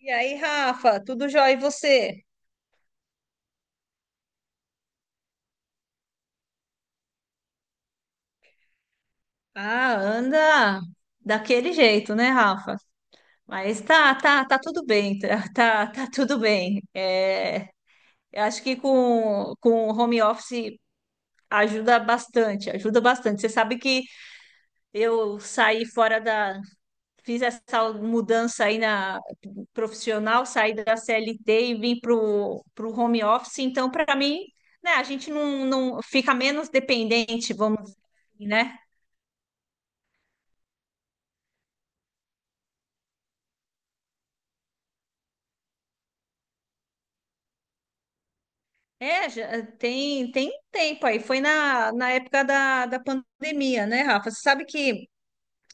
E aí, Rafa, tudo jóia e você? Ah, anda daquele jeito, né, Rafa? Mas tá tudo bem, tá, tá tudo bem. É, eu acho que com o home office ajuda bastante, ajuda bastante. Você sabe que eu fiz essa mudança aí na profissional, saí da CLT e vim pro home office, então para mim, né, a gente não fica menos dependente, vamos dizer, assim, né? É, já tem um tempo aí. Foi na época da pandemia, né, Rafa? Você sabe que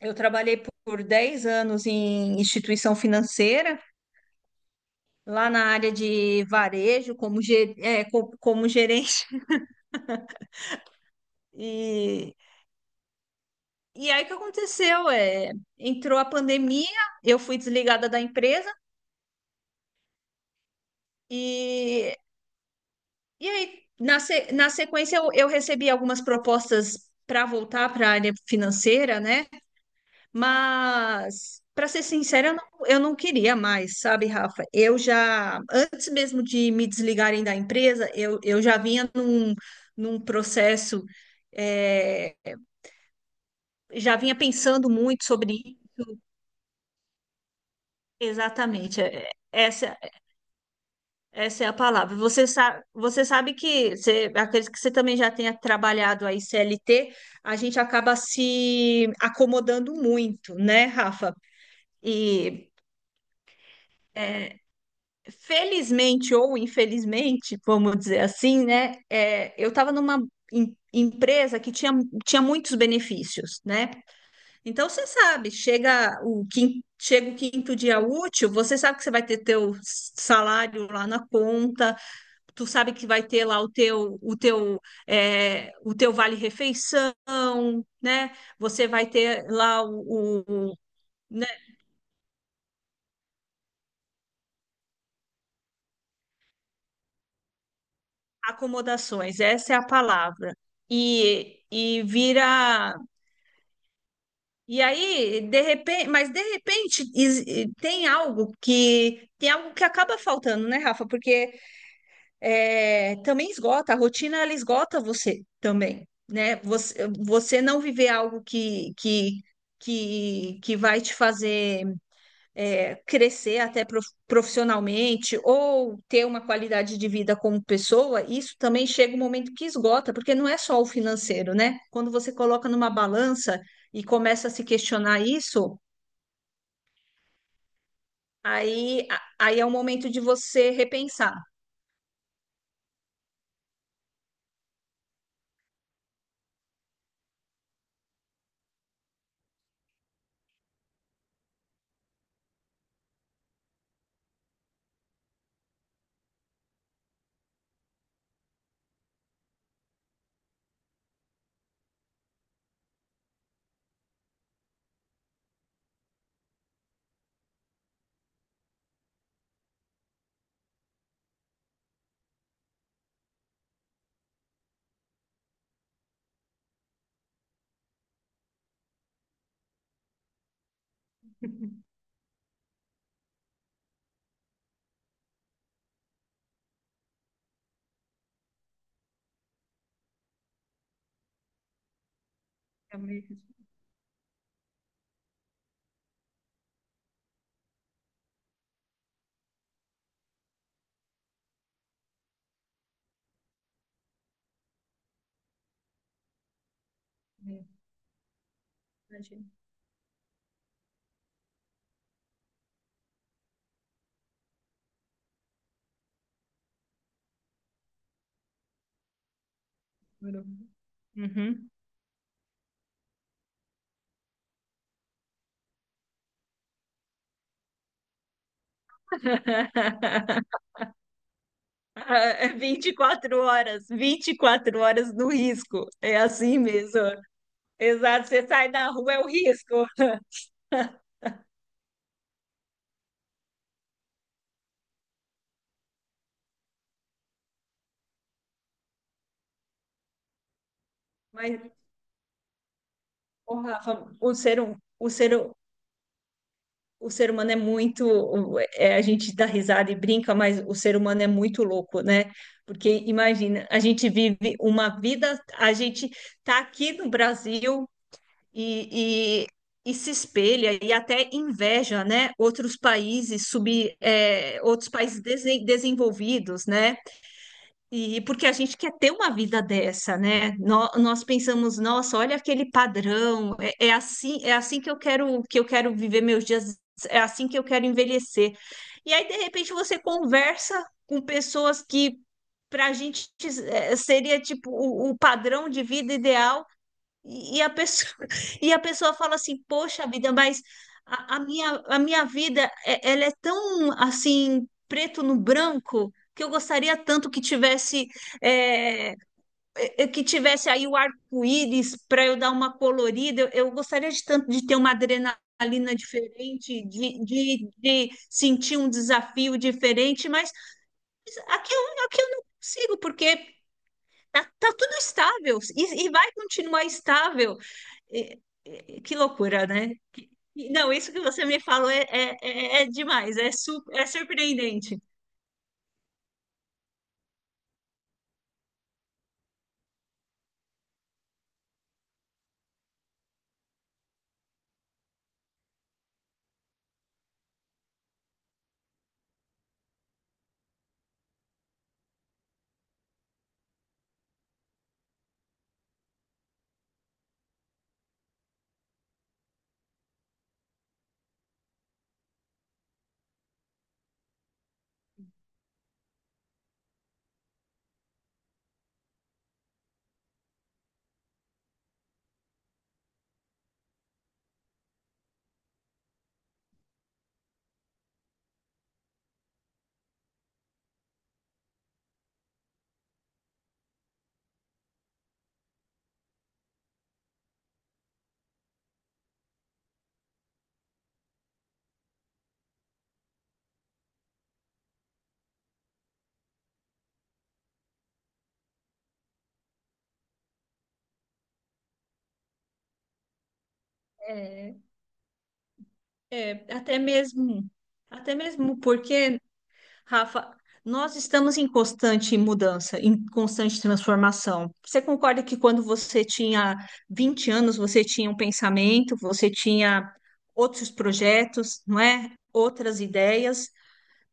eu trabalhei por 10 anos em instituição financeira, lá na área de varejo, como, ge- é, co- como gerente. E, e aí o que aconteceu? É, entrou a pandemia, eu fui desligada da empresa, e, e aí, na, se- na sequência, eu recebi algumas propostas para voltar para a área financeira, né? Mas, para ser sincera, eu não queria mais, sabe, Rafa? Eu já, antes mesmo de me desligarem da empresa, eu já vinha num processo, é, já vinha pensando muito sobre. Exatamente, essa é a palavra. Você sabe que, acredito que você também já tenha trabalhado aí CLT, a gente acaba se acomodando muito, né, Rafa? E felizmente ou infelizmente, vamos dizer assim, né? Eu estava numa empresa que tinha muitos benefícios, né? Então você sabe, chega o quinto dia útil, você sabe que você vai ter teu salário lá na conta, tu sabe que vai ter lá o teu vale refeição, né? Você vai ter lá o. Né, acomodações, essa é a palavra. E vira. E aí, de repente, tem algo que acaba faltando, né, Rafa? Porque também esgota, a rotina ela esgota você também, né? Você não viver algo que vai te fazer crescer até profissionalmente ou ter uma qualidade de vida como pessoa. Isso também chega um momento que esgota, porque não é só o financeiro, né? Quando você coloca numa balança e começa a se questionar isso, aí é o momento de você repensar. É meio que isso mesmo. Imagina. Demorou. Uhum. 24 horas, 24 horas no risco. É assim mesmo. Exato, você sai da rua, é o risco. Mas, ô, Rafa, o ser humano é muito. A gente dá risada e brinca, mas o ser humano é muito louco, né? Porque imagina, a gente vive uma vida, a gente tá aqui no Brasil e, e, e se espelha e até inveja, né? Outros países desenvolvidos, né? E porque a gente quer ter uma vida dessa, né? Nós pensamos, nossa, olha aquele padrão, é assim, é assim que eu quero viver meus dias, é assim que eu quero envelhecer. E aí, de repente, você conversa com pessoas que para a gente seria tipo o padrão de vida ideal e a pessoa, e a pessoa fala assim, poxa vida, mas a minha vida, ela é tão assim, preto no branco, que eu gostaria tanto que tivesse, é, que tivesse aí o arco-íris para eu dar uma colorida. Eu gostaria de tanto de ter uma adrenalina diferente, de sentir um desafio diferente, mas aqui eu não consigo, porque tá tudo estável e vai continuar estável. Que loucura, né? E, não, isso que você me falou é demais, é surpreendente. É, é, até mesmo, até mesmo porque, Rafa, nós estamos em constante mudança, em constante transformação. Você concorda que quando você tinha 20 anos, você tinha um pensamento, você tinha outros projetos, não é? Outras ideias.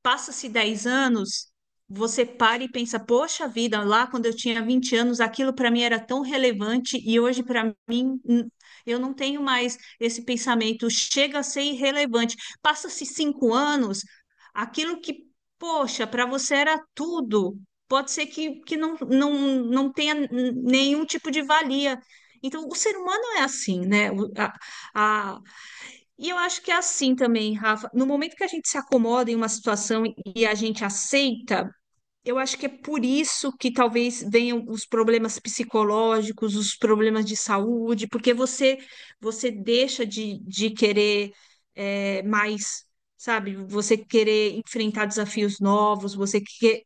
Passa-se 10 anos, você para e pensa, poxa vida, lá quando eu tinha 20 anos, aquilo para mim era tão relevante e hoje para mim, eu não tenho mais esse pensamento, chega a ser irrelevante. Passa-se 5 anos, aquilo que, poxa, para você era tudo, pode ser que não tenha, nenhum tipo de valia. Então, o ser humano é assim, né? A, e eu acho que é assim também, Rafa. No momento que a gente se acomoda em uma situação e a gente aceita, eu acho que é por isso que talvez venham os problemas psicológicos, os problemas de saúde, porque você deixa de querer mais, sabe? Você querer enfrentar desafios novos, você quer.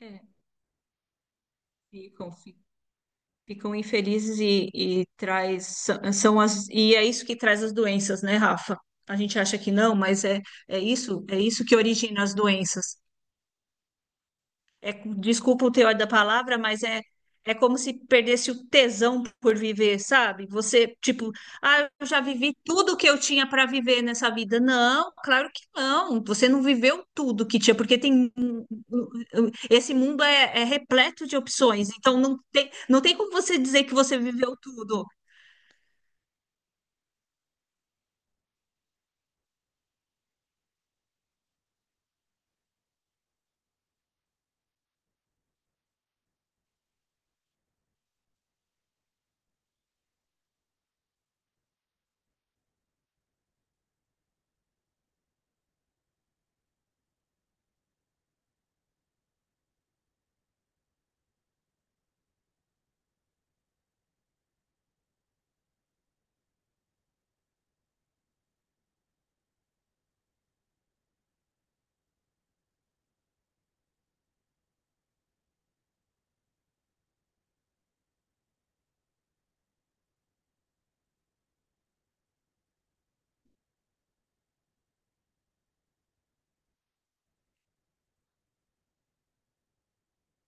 É, ficam, ficam. Ficam infelizes e traz são são as e é isso que traz as doenças, né, Rafa? A gente acha que não, mas é isso que origina as doenças. É, desculpa o teor da palavra, mas é como se perdesse o tesão por viver, sabe? Você, tipo, ah, eu já vivi tudo que eu tinha para viver nessa vida. Não, claro que não. Você não viveu tudo que tinha, porque tem esse mundo é repleto de opções. Então não tem como você dizer que você viveu tudo.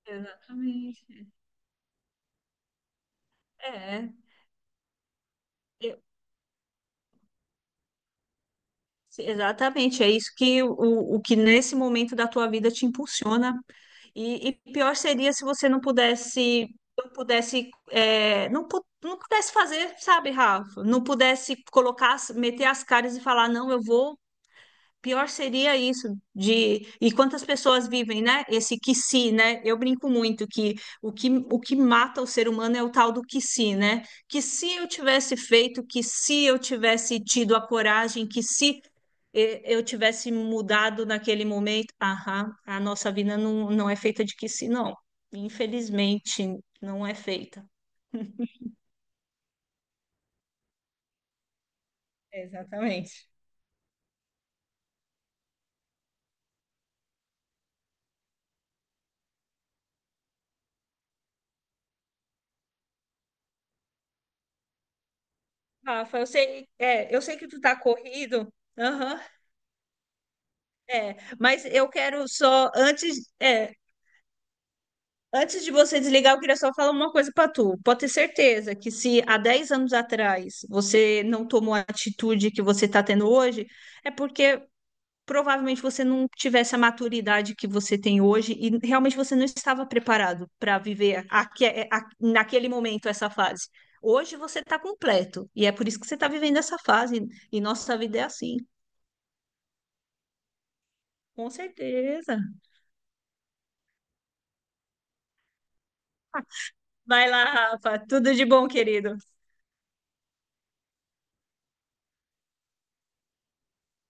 Exatamente. É, eu- exatamente. É isso que o que nesse momento da tua vida te impulsiona. E pior seria se você não pudesse fazer, sabe, Rafa? Não pudesse colocar, meter as caras e falar, não, eu vou. Pior seria isso, de e quantas pessoas vivem, né? Esse que se, né? Eu brinco muito que o que mata o ser humano é o tal do que se, né? Que se eu tivesse feito, que se eu tivesse tido a coragem, que se, eu tivesse mudado naquele momento, aham, a nossa vida não é feita de que se, não. Infelizmente, não é feita. Exatamente. Rafa, eu sei que tu tá corrido. Aham. Mas eu quero só, antes de você desligar, eu queria só falar uma coisa para tu. Pode ter certeza que se há 10 anos atrás você não tomou a atitude que você está tendo hoje, é porque provavelmente você não tivesse a maturidade que você tem hoje e realmente você não estava preparado para viver naquele momento essa fase. Hoje você está completo e é por isso que você está vivendo essa fase e nossa vida é assim. Com certeza. Vai lá, Rafa. Tudo de bom, querido.